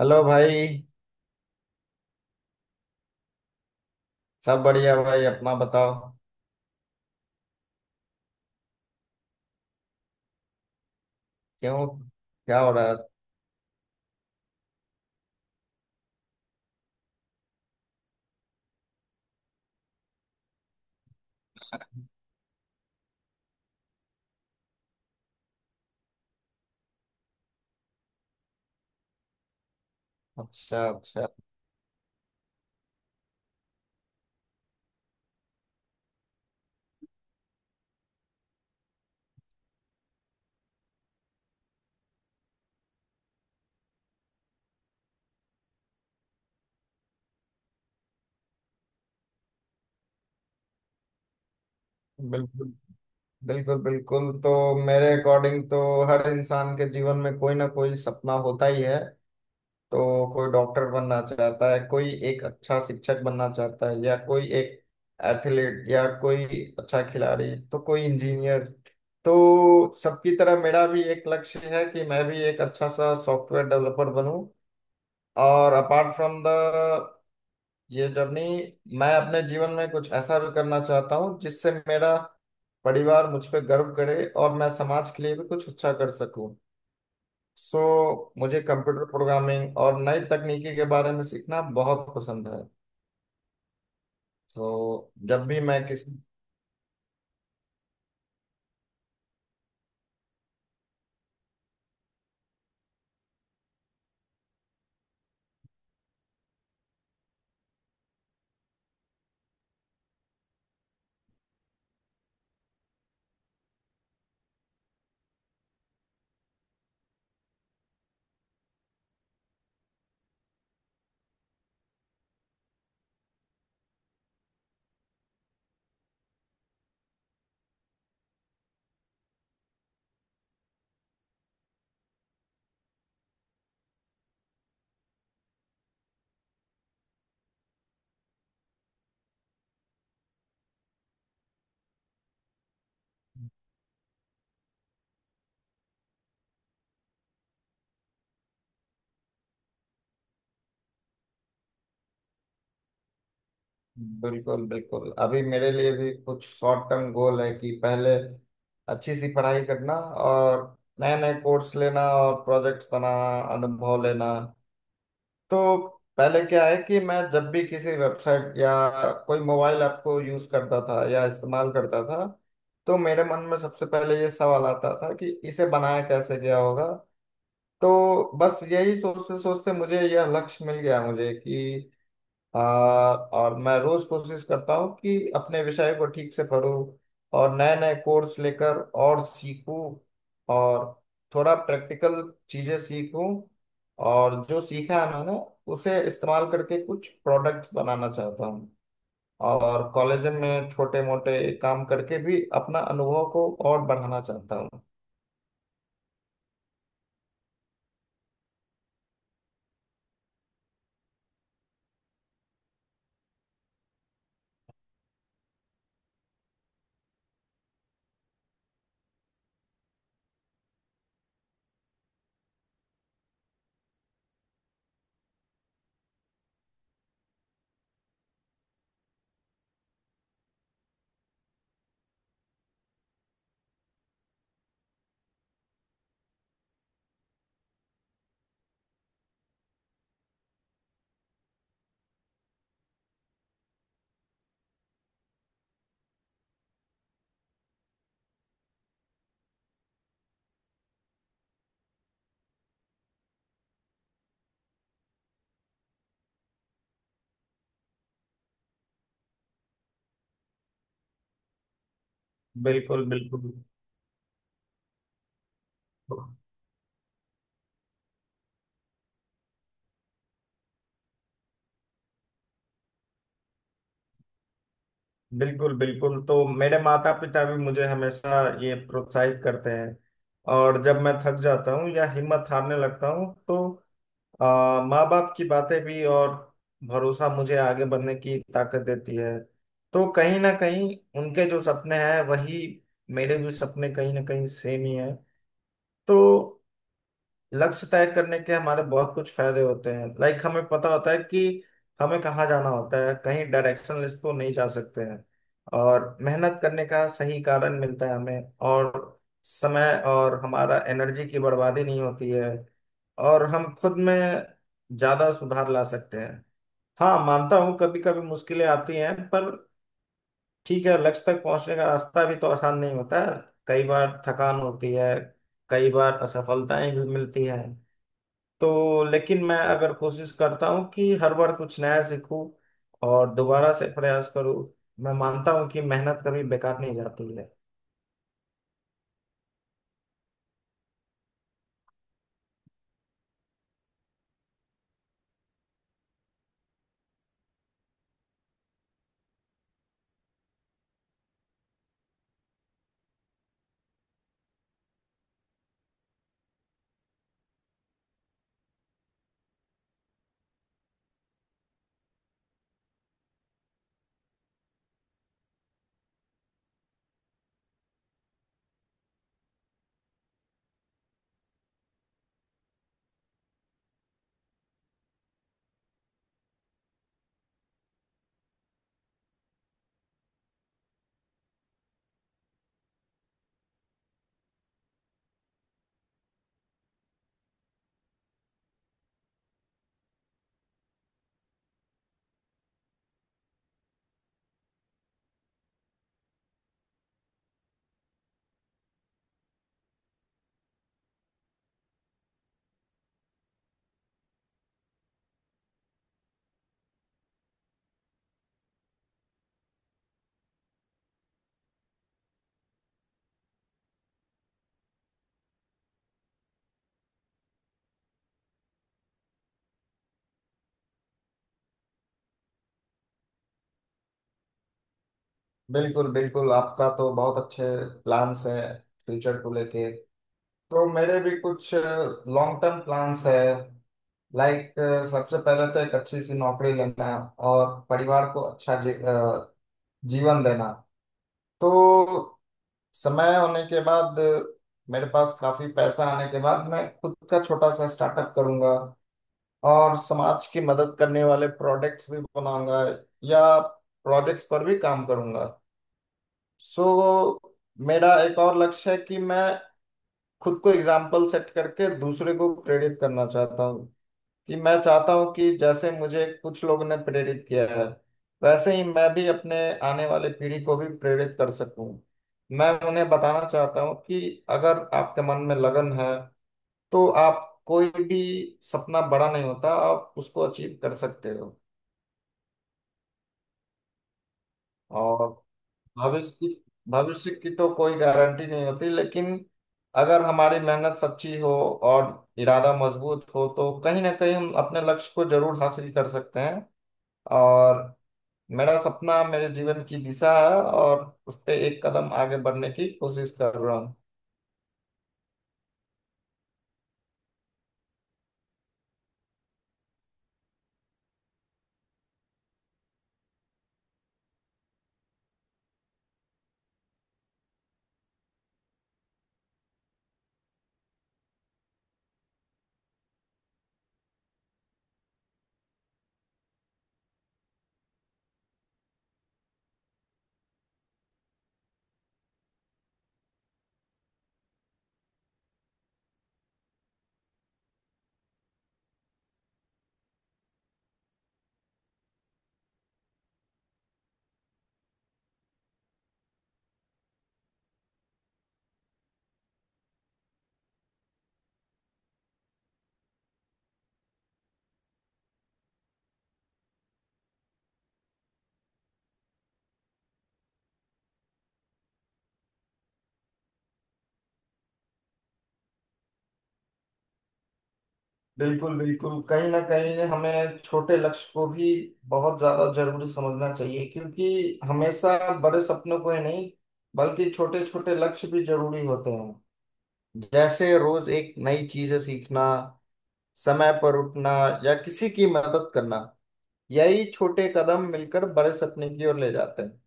Hello भाई। सब बढ़िया भाई, अपना बताओ। क्यों? क्या हो रहा है? अच्छा अच्छा। बिल्कुल बिल्कुल बिल्कुल। तो मेरे अकॉर्डिंग तो हर इंसान के जीवन में कोई ना कोई सपना होता ही है। तो कोई डॉक्टर बनना चाहता है, कोई एक अच्छा शिक्षक बनना चाहता है, या कोई एक एथलीट या कोई अच्छा खिलाड़ी, तो कोई इंजीनियर। तो सबकी तरह मेरा भी एक लक्ष्य है कि मैं भी एक अच्छा सा सॉफ्टवेयर डेवलपर बनूं। और अपार्ट फ्रॉम द ये जर्नी, मैं अपने जीवन में कुछ ऐसा भी करना चाहता हूँ जिससे मेरा परिवार मुझ पे गर्व करे और मैं समाज के लिए भी कुछ अच्छा कर सकूं। सो मुझे कंप्यूटर प्रोग्रामिंग और नई तकनीकी के बारे में सीखना बहुत पसंद है। तो जब भी मैं किसी। बिल्कुल बिल्कुल, अभी मेरे लिए भी कुछ शॉर्ट टर्म गोल है कि पहले अच्छी सी पढ़ाई करना और नए नए कोर्स लेना और प्रोजेक्ट्स बनाना, अनुभव लेना। तो पहले क्या है कि मैं जब भी किसी वेबसाइट या कोई मोबाइल ऐप को यूज करता था या इस्तेमाल करता था, तो मेरे मन में सबसे पहले ये सवाल आता था कि इसे बनाया कैसे गया होगा। तो बस यही सोचते सोचते मुझे यह लक्ष्य मिल गया मुझे कि और मैं रोज कोशिश करता हूँ कि अपने विषय को ठीक से पढूं और नए नए कोर्स लेकर और सीखूं, और थोड़ा प्रैक्टिकल चीजें सीखूं। और जो सीखा है मैंने, उसे इस्तेमाल करके कुछ प्रोडक्ट्स बनाना चाहता हूँ। और कॉलेज में छोटे मोटे काम करके भी अपना अनुभव को और बढ़ाना चाहता हूँ। बिल्कुल बिल्कुल। बिल्कुल बिल्कुल, तो मेरे माता पिता भी मुझे हमेशा ये प्रोत्साहित करते हैं। और जब मैं थक जाता हूँ या हिम्मत हारने लगता हूँ तो माँ बाप की बातें भी और भरोसा मुझे आगे बढ़ने की ताकत देती है। तो कहीं ना कहीं उनके जो सपने हैं वही मेरे भी सपने कहीं ना कहीं सेम ही हैं। तो लक्ष्य तय करने के हमारे बहुत कुछ फायदे होते हैं, लाइक हमें पता होता है कि हमें कहाँ जाना होता है, कहीं डायरेक्शन लिस्ट को नहीं जा सकते हैं। और मेहनत करने का सही कारण मिलता है हमें, और समय और हमारा एनर्जी की बर्बादी नहीं होती है, और हम खुद में ज्यादा सुधार ला सकते हैं। हाँ, मानता हूँ कभी कभी मुश्किलें आती हैं, पर ठीक है, लक्ष्य तक पहुंचने का रास्ता भी तो आसान नहीं होता है। कई बार थकान होती है, कई बार असफलताएं भी मिलती हैं। तो लेकिन मैं अगर कोशिश करता हूँ कि हर बार कुछ नया सीखूं और दोबारा से प्रयास करूँ, मैं मानता हूँ कि मेहनत कभी बेकार नहीं जाती है। बिल्कुल बिल्कुल, आपका तो बहुत अच्छे प्लान्स है फ्यूचर को लेके। तो मेरे भी कुछ लॉन्ग टर्म प्लान्स है, लाइक सबसे पहले तो एक अच्छी सी नौकरी लेना और परिवार को अच्छा जीवन देना। तो समय होने के बाद, मेरे पास काफी पैसा आने के बाद, मैं खुद का छोटा सा स्टार्टअप करूंगा और समाज की मदद करने वाले प्रोडक्ट्स भी बनाऊंगा, या प्रोजेक्ट्स पर भी काम करूंगा। सो मेरा एक और लक्ष्य है कि मैं खुद को एग्जाम्पल सेट करके दूसरे को प्रेरित करना चाहता हूँ, कि मैं चाहता हूँ कि जैसे मुझे कुछ लोगों ने प्रेरित किया है, वैसे ही मैं भी अपने आने वाले पीढ़ी को भी प्रेरित कर सकूं। मैं उन्हें बताना चाहता हूँ कि अगर आपके मन में लगन है, तो आप कोई भी सपना बड़ा नहीं होता, आप उसको अचीव कर सकते हो। और भविष्य की भविष्य की तो कोई गारंटी नहीं होती, लेकिन अगर हमारी मेहनत सच्ची हो और इरादा मजबूत हो तो कहीं ना कहीं हम अपने लक्ष्य को जरूर हासिल कर सकते हैं। और मेरा सपना मेरे जीवन की दिशा है, और उस पे एक कदम आगे बढ़ने की कोशिश कर रहा हूँ। बिल्कुल बिल्कुल, कहीं ना कहीं हमें छोटे लक्ष्य को भी बहुत ज्यादा जरूरी समझना चाहिए, क्योंकि हमेशा बड़े सपनों को ही नहीं बल्कि छोटे छोटे लक्ष्य भी जरूरी होते हैं। जैसे रोज एक नई चीजें सीखना, समय पर उठना, या किसी की मदद करना। यही छोटे कदम मिलकर बड़े सपने की ओर ले जाते हैं।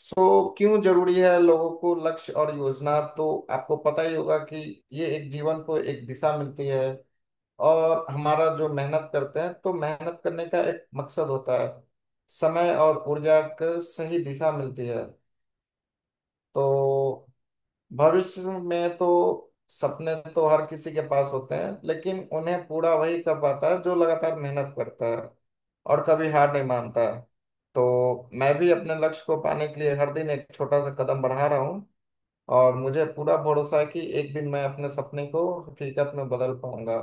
सो क्यों जरूरी है लोगों को लक्ष्य और योजना, तो आपको पता ही होगा कि ये एक जीवन को एक दिशा मिलती है। और हमारा जो मेहनत करते हैं, तो मेहनत करने का एक मकसद होता है, समय और ऊर्जा का सही दिशा मिलती है। तो भविष्य में तो सपने तो हर किसी के पास होते हैं, लेकिन उन्हें पूरा वही कर पाता है जो लगातार मेहनत करता है और कभी हार नहीं मानता है। तो मैं भी अपने लक्ष्य को पाने के लिए हर दिन एक छोटा सा कदम बढ़ा रहा हूँ, और मुझे पूरा भरोसा है कि एक दिन मैं अपने सपने को हकीकत में बदल पाऊंगा,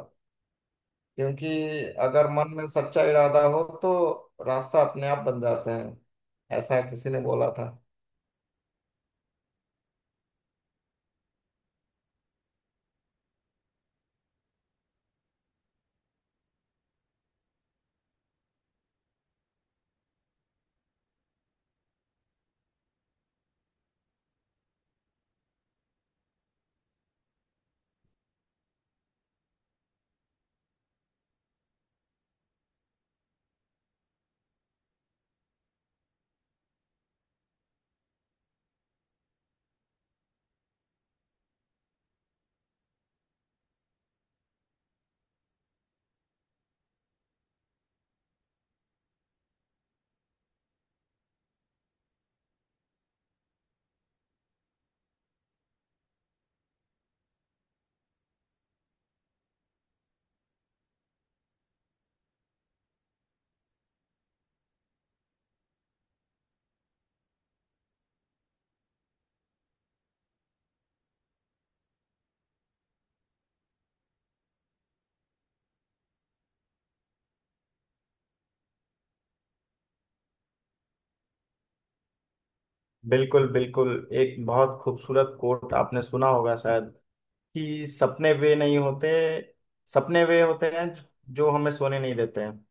क्योंकि अगर मन में सच्चा इरादा हो तो रास्ता अपने आप बन जाते हैं। ऐसा किसी ने बोला था। बिल्कुल बिल्कुल, एक बहुत खूबसूरत कोट आपने सुना होगा शायद, कि सपने वे नहीं होते, सपने वे होते हैं जो जो हमें सोने नहीं देते हैं।